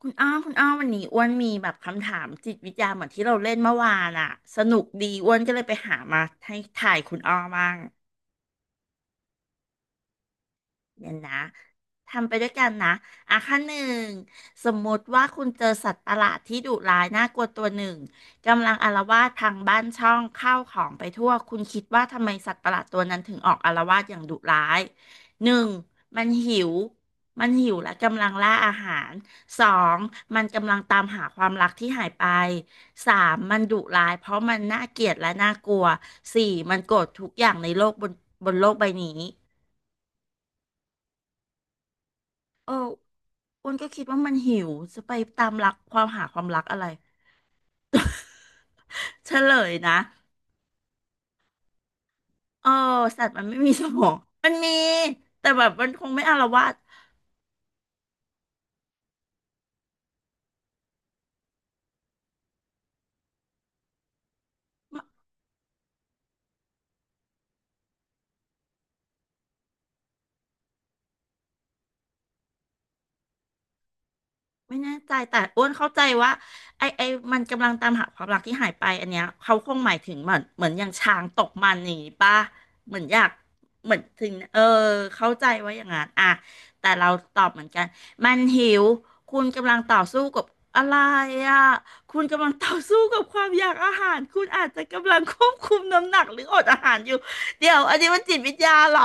คุณอ้อคุณอ้อวันนี้อ้วนมีแบบคำถามจิตวิทยาเหมือนที่เราเล่นเมื่อวานอะสนุกดีอ้วนก็เลยไปหามาให้ถ่ายคุณอ้อบ้าง เดี๋ยวนะทำไปด้วยกันนะอ่ะขั้นหนึ่งสมมติว่าคุณเจอสัตว์ประหลาดที่ดุร้ายน่ากลัวตัวหนึ่งกำลังอาละวาดทางบ้านช่องข้าวของไปทั่วคุณคิดว่าทำไมสัตว์ประหลาดตัวนั้นถึงออกอาละวาดอย่างดุร้ายหนึ่งมันหิวมันหิวและกำลังล่าอาหารสองมันกำลังตามหาความรักที่หายไปสามมันดุร้ายเพราะมันน่าเกลียดและน่ากลัวสี่มันโกรธทุกอย่างในโลกบนบนโลกใบนี้ เอออ้วนก็คิดว่ามันหิวจะไปตามรักความหาความรักอะไร เฉลยนะเออสัตว์มันไม่มีสมองมันมีแต่แบบมันคงไม่อาละวาด ไม่แน่ใจแต่อ้วนเข้าใจว่าไอไอมันกำลังตามหาความรักที่หายไปอันเนี้ยเขาคงหมายถึงเหมือนอย่างช้างตกมันอนี้ป่ะเหมือนอยากเหมือนถึงเออเข้าใจว่าอย่างนั้นอ่ะแต่เราตอบเหมือนกันมันหิวคุณกำลังต่อสู้กับอะไรอ่ะคุณกำลังต่อสู้กับความอยากอาหารคุณอาจจะกำลังควบคุมน้ำหนักหรืออดอาหารอยู่เดี๋ยวอันนี้มันจิตวิทยาเหรอ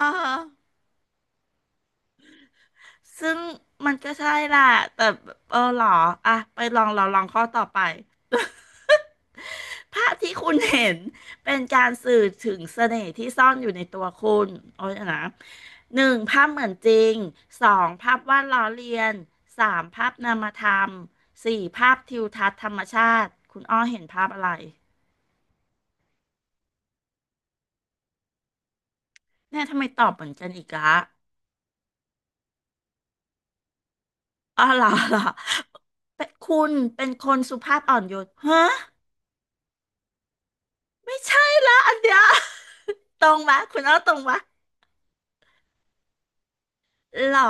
อ่า ซึ่งมันก็ใช่แหละแต่เออหรออ่ะไปลองเราลองข้อต่อไปภาพที่คุณเห็นเป็นการสื่อถึงเสน่ห์ที่ซ่อนอยู่ในตัวคุณโอ้ยนะหนึ่งภาพเหมือนจริงสองภาพวาดล้อเลียนสามภาพนามธรรมสี่ภาพทิวทัศน์ธรรมชาติคุณอ้อเห็นภาพอะไรเนี่ยทำไมตอบเหมือนกันอีกละอ๋อเหรอเป็นเป็นคนสุภาพอ่อนโยนฮะ ไม่ใช่ละอันเดีย วตรงไหมคุณเอาตรงไหมหรอ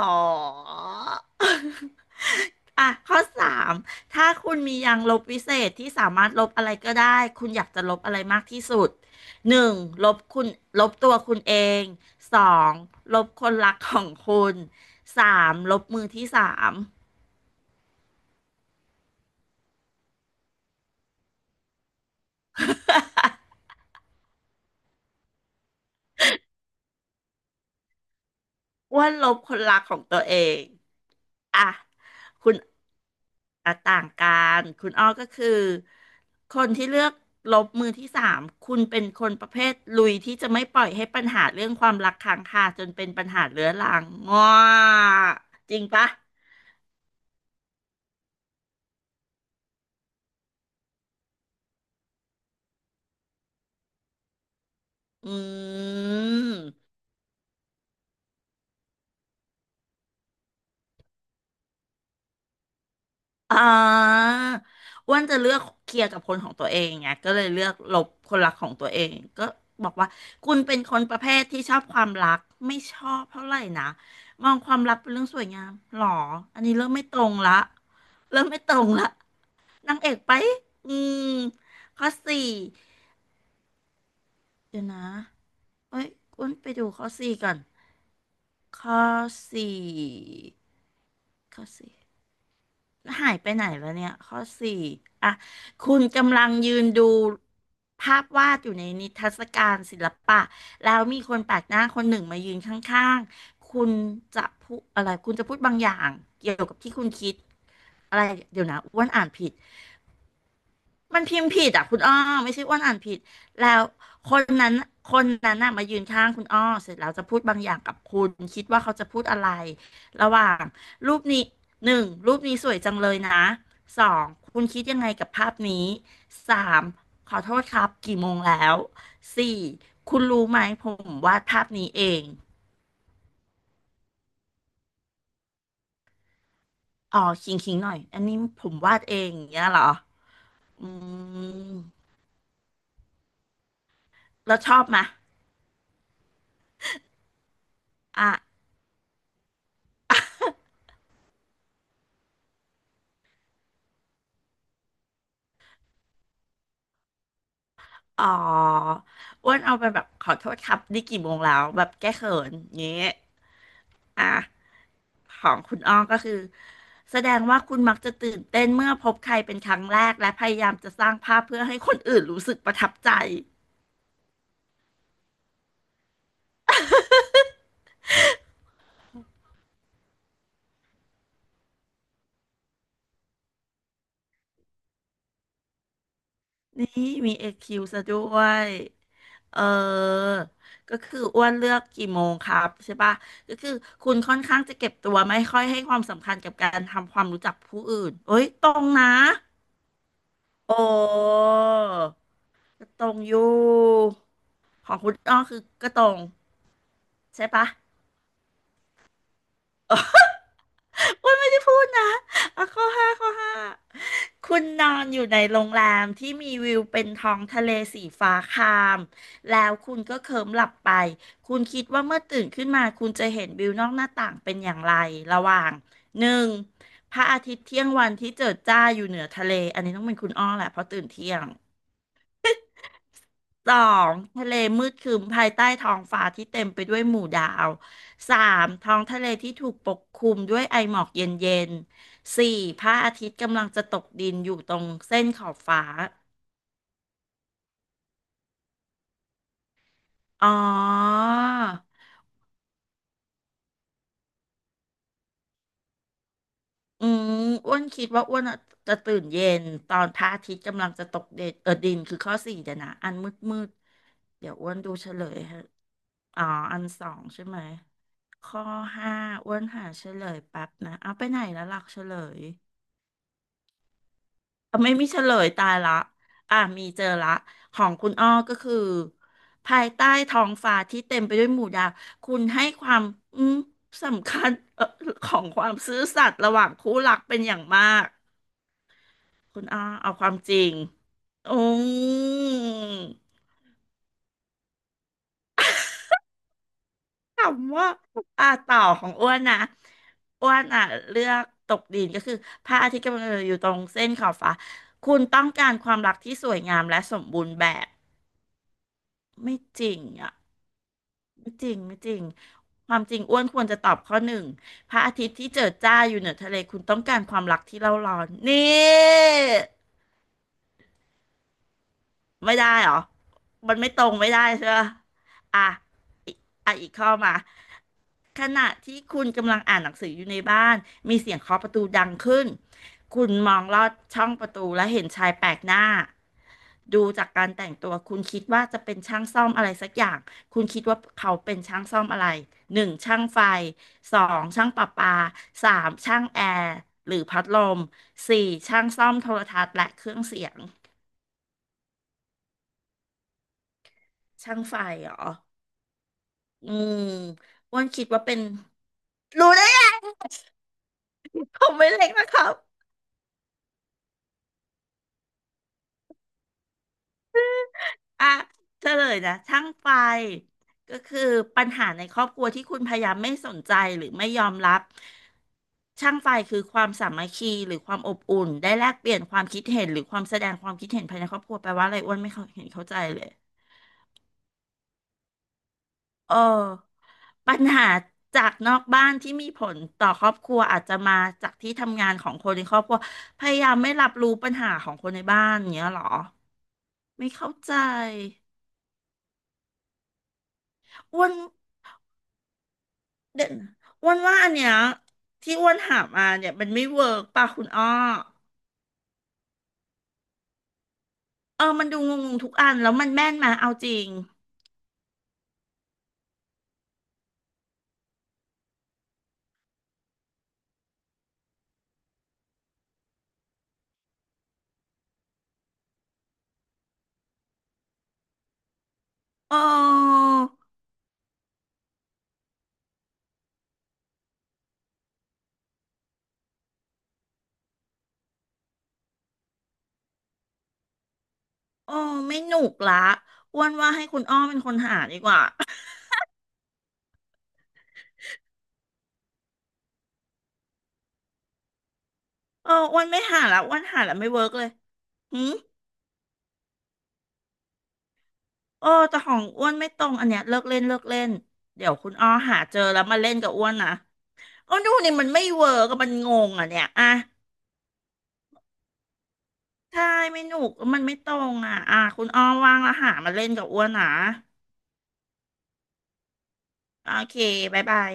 อ่ะข้อสามถ้าคุณมียางลบวิเศษที่สามารถลบอะไรก็ได้ คุณอยากจะลบอะไรมากที่สุด หนึ่งลบคุณลบตัวคุณเองสองลบคนรักของคุณสามลบมือที่สาม อ้ว่าลบคนรักของตัวเองอ่ะคุณ อ่ะต่างกันคุณอ้อก็คือคนที่เลือกลบมือที่สาม คุณเป็นคนประเภทลุยที่จะไม่ปล่อยให้ปัญหาเรื่องความรักค้างคาจนเป็นปัญหาเรื้อรังง้อจริงปะอืม อ่าอ้วนจะเลือกเคลียร์กับคนของตัวเองไงก็เลยเลือกลบคนรักของตัวเองก็บอกว่าคุณเป็นคนประเภทที่ชอบความรักไม่ชอบเท่าไหร่นะมองความรักเป็นเรื่องสวยงามหรออันนี้เริ่มไม่ตรงละเริ่มไม่ตรงละนางเอกไปอืมข้อสี่เดี๋ยวนะเอ้ยอ้วนไปดูข้อสี่ก่อนข้อสี่ข้อสี่ หายไปไหนวะเนี่ยข้อสี่อ่ะคุณกำลังยืนดูภาพวาดอยู่ในนิทรรศการศิลปะแล้วมีคนแปลกหน้าคนหนึ่งมายืนข้างๆคุณจะพูดอะไรคุณจะพูดบางอย่างเกี่ยวกับที่คุณคิดอะไรเดี๋ยวนะอ้วนอ่านผิด มันพิมพ์ผิดอ่ะคุณอ้อไม่ใช่อ้วนอ่านผิดแล้วคนนั้นคนนั้นน่ะมายืนข้างคุณอ้อเสร็จแล้วจะพูดบางอย่างกับคุณคิดว่าเขาจะพูดอะไรระหว่างรูปนี้หนึ่งรูปนี้สวยจังเลยนะสองคุณคิดยังไงกับภาพนี้สามขอโทษครับกี่โมงแล้วสี่คุณรู้ไหมผมวาดภาพนี้เองอ๋อคิงหน่อยอันนี้ผมวาดเองอย่างเงี้ยเหรออืมแล้วชอบไหมยอ่ะ อ๋ออ้วนเอาไปแบบขอโทษครับนี่กี่โมงแล้วแบบแก้เขินเงี้ยอ่ะของคุณอ้อก็คือแสดงว่าคุณมักจะตื่นเต้นเมื่อพบใครเป็นครั้งแรกและพยายามจะสร้างภาพเพื่อให้คนอื่นรู้สึกประทับใจนี่มีเอคิวซะด้วยเออ ก็คืออ้วนเลือกกี่โมงครับใช่ปะก็คือคุณค่อนข้างจะเก็บตัวไม่ค่อยให้ความสำคัญกับการทำความรู้จักผู้อื่นเอ้ยตรงนะ โอ้ก็ตรงอยู่ของคุณอ้อคือก็ตรงใช่ปะ อ้วนไม่ได้พูดนะอ่ะข้อห้าคุณนอนอยู่ในโรงแรมที่มีวิวเป็นท้องทะเลสีฟ้าครามแล้วคุณก็เคลิ้มหลับไปคุณคิดว่าเมื่อตื่นขึ้นมาคุณจะเห็นวิวนอกหน้าต่างเป็นอย่างไรระหว่างหนึ่งพระอาทิตย์เที่ยงวันที่เจิดจ้าอยู่เหนือทะเลอันนี้ต้องเป็นคุณอ้อแหละเพราะตื่นเที่ยง สองทะเลมืดครึ้มภายใต้ท้องฟ้าที่เต็มไปด้วยหมู่ดาวสามท้องทะเลที่ถูกปกคลุมด้วยไอหมอกเย็นๆสี่พระอาทิตย์กำลังจะตกดินอยู่ตรงเส้นขอบฟ้าอ๋อ อืมอ้วนคิดว่าอ้วนอะจะตื่นเย็นตอนพระอาทิตย์กำลังจะตกเดดเออดินคือข้อสี่เดี๋ยวนะอันมืดมืดเดี๋ยวอ้วนดูเฉลยให้อ๋ออันสองใช่ไหมข้อห้าอ้วนหาเฉลยแป๊บนะเอาไปไหนแล้วหลักเฉลยเอาไม่มีเฉลยตายละอ่ะมีเจอละของคุณอ้อก็คือภายใต้ท้องฟ้าที่เต็มไปด้วยหมู่ดาวคุณให้ความอืมสำคัญของความซื่อสัตย์ระหว่างคู่รักเป็นอย่างมาก คุณอ้อเอาความจริงอืมถามว่าต่อของอ้วนนะอ้วนอ่ะเลือกตกดินก็คือพระอาทิตย์กำลังอยู่ตรงเส้นขอบฟ้าคุณต้องการความรักที่สวยงามและสมบูรณ์แบบไม่จริงอ่ะไม่จริงไม่จริงความจริงอ้วนควรจะตอบข้อหนึ่งพระอาทิตย์ที่เจิดจ้าอยู่เหนือทะเลคุณต้องการความรักที่เร่าร้อนนี่ ไม่ได้เหรอมันไม่ตรงไม่ได้ใช่ปะอ่ะอีกอ่ะอีกข้อมาขณะที่คุณกำลังอ่านหนังสืออยู่ในบ้านมีเสียงเคาะประตูดังขึ้น คุณมองลอดช่องประตูและเห็นชายแปลกหน้าดูจากการแต่งตัวคุณคิดว่าจะเป็นช่างซ่อมอะไรสักอย่างคุณคิดว่าเขาเป็นช่างซ่อมอะไรหนึ่งช่างไฟสองช่างประปาสามช่างแอร์หรือพัดลมสี่ช่างซ่อมโทรทัศน์และเครื่องเสียงช่างไฟเหรอ อืมอ้วนคิดว่าเป็นรู้ได้ไงผมไม่เล็กนะครับอ่ะเฉลยนะช่างไฟก็คือปัญหาในครอบครัวที่คุณพยายามไม่สนใจหรือไม่ยอมรับ ช่างไฟคือความสามัคคีหรือความอบอุ่นได้แลกเปลี่ยนความคิดเห็นหรือความแสดงความคิดเห็นภายในครอบครัวแปลว่าอะไรอ้วนไม่เข้าเห็นเข้าใจเลยเออปัญหาจากนอกบ้านที่มีผลต่อครอบครัวอาจจะมาจากที่ทำงานของคนในครอบครัวพยายามไม่รับรู้ปัญหาของคนในบ้านอย่างเงี้ยเหรอ ไม่เข้าใจอ้วนเด่นอ้วนว่าอันเนี้ยที่อ้วนหามาเนี่ยมันไม่เวิร์กป่ะคุณอ้อเออมันดูงงๆทุกอันแล้วมันแม่นมาเอาจริงเออเออไม่หนุกละอ้วนว่าให้คุณอ้อเป็นคนหาดีกว่า เอออ้วนไม่หาละอ้วนหาละไม่เวิร์กเลยหืมเออแต่ของอ้วนไม่ตรงอันเนี้ยเลิกเล่นเลิกเล่นเดี๋ยวคุณอ้อหาเจอแล้วมาเล่นกับอ้วนนะอ้วนดูนี่มันไม่เวิร์กอะมันงงอ่ะเนี่ยอะ ใช่ไม่หนุกมันไม่ตรงอ่ะอ่ะคุณอ้อมว่างแล้วหามาเล่นกับอ้วนนะโอเคบ๊ายบาย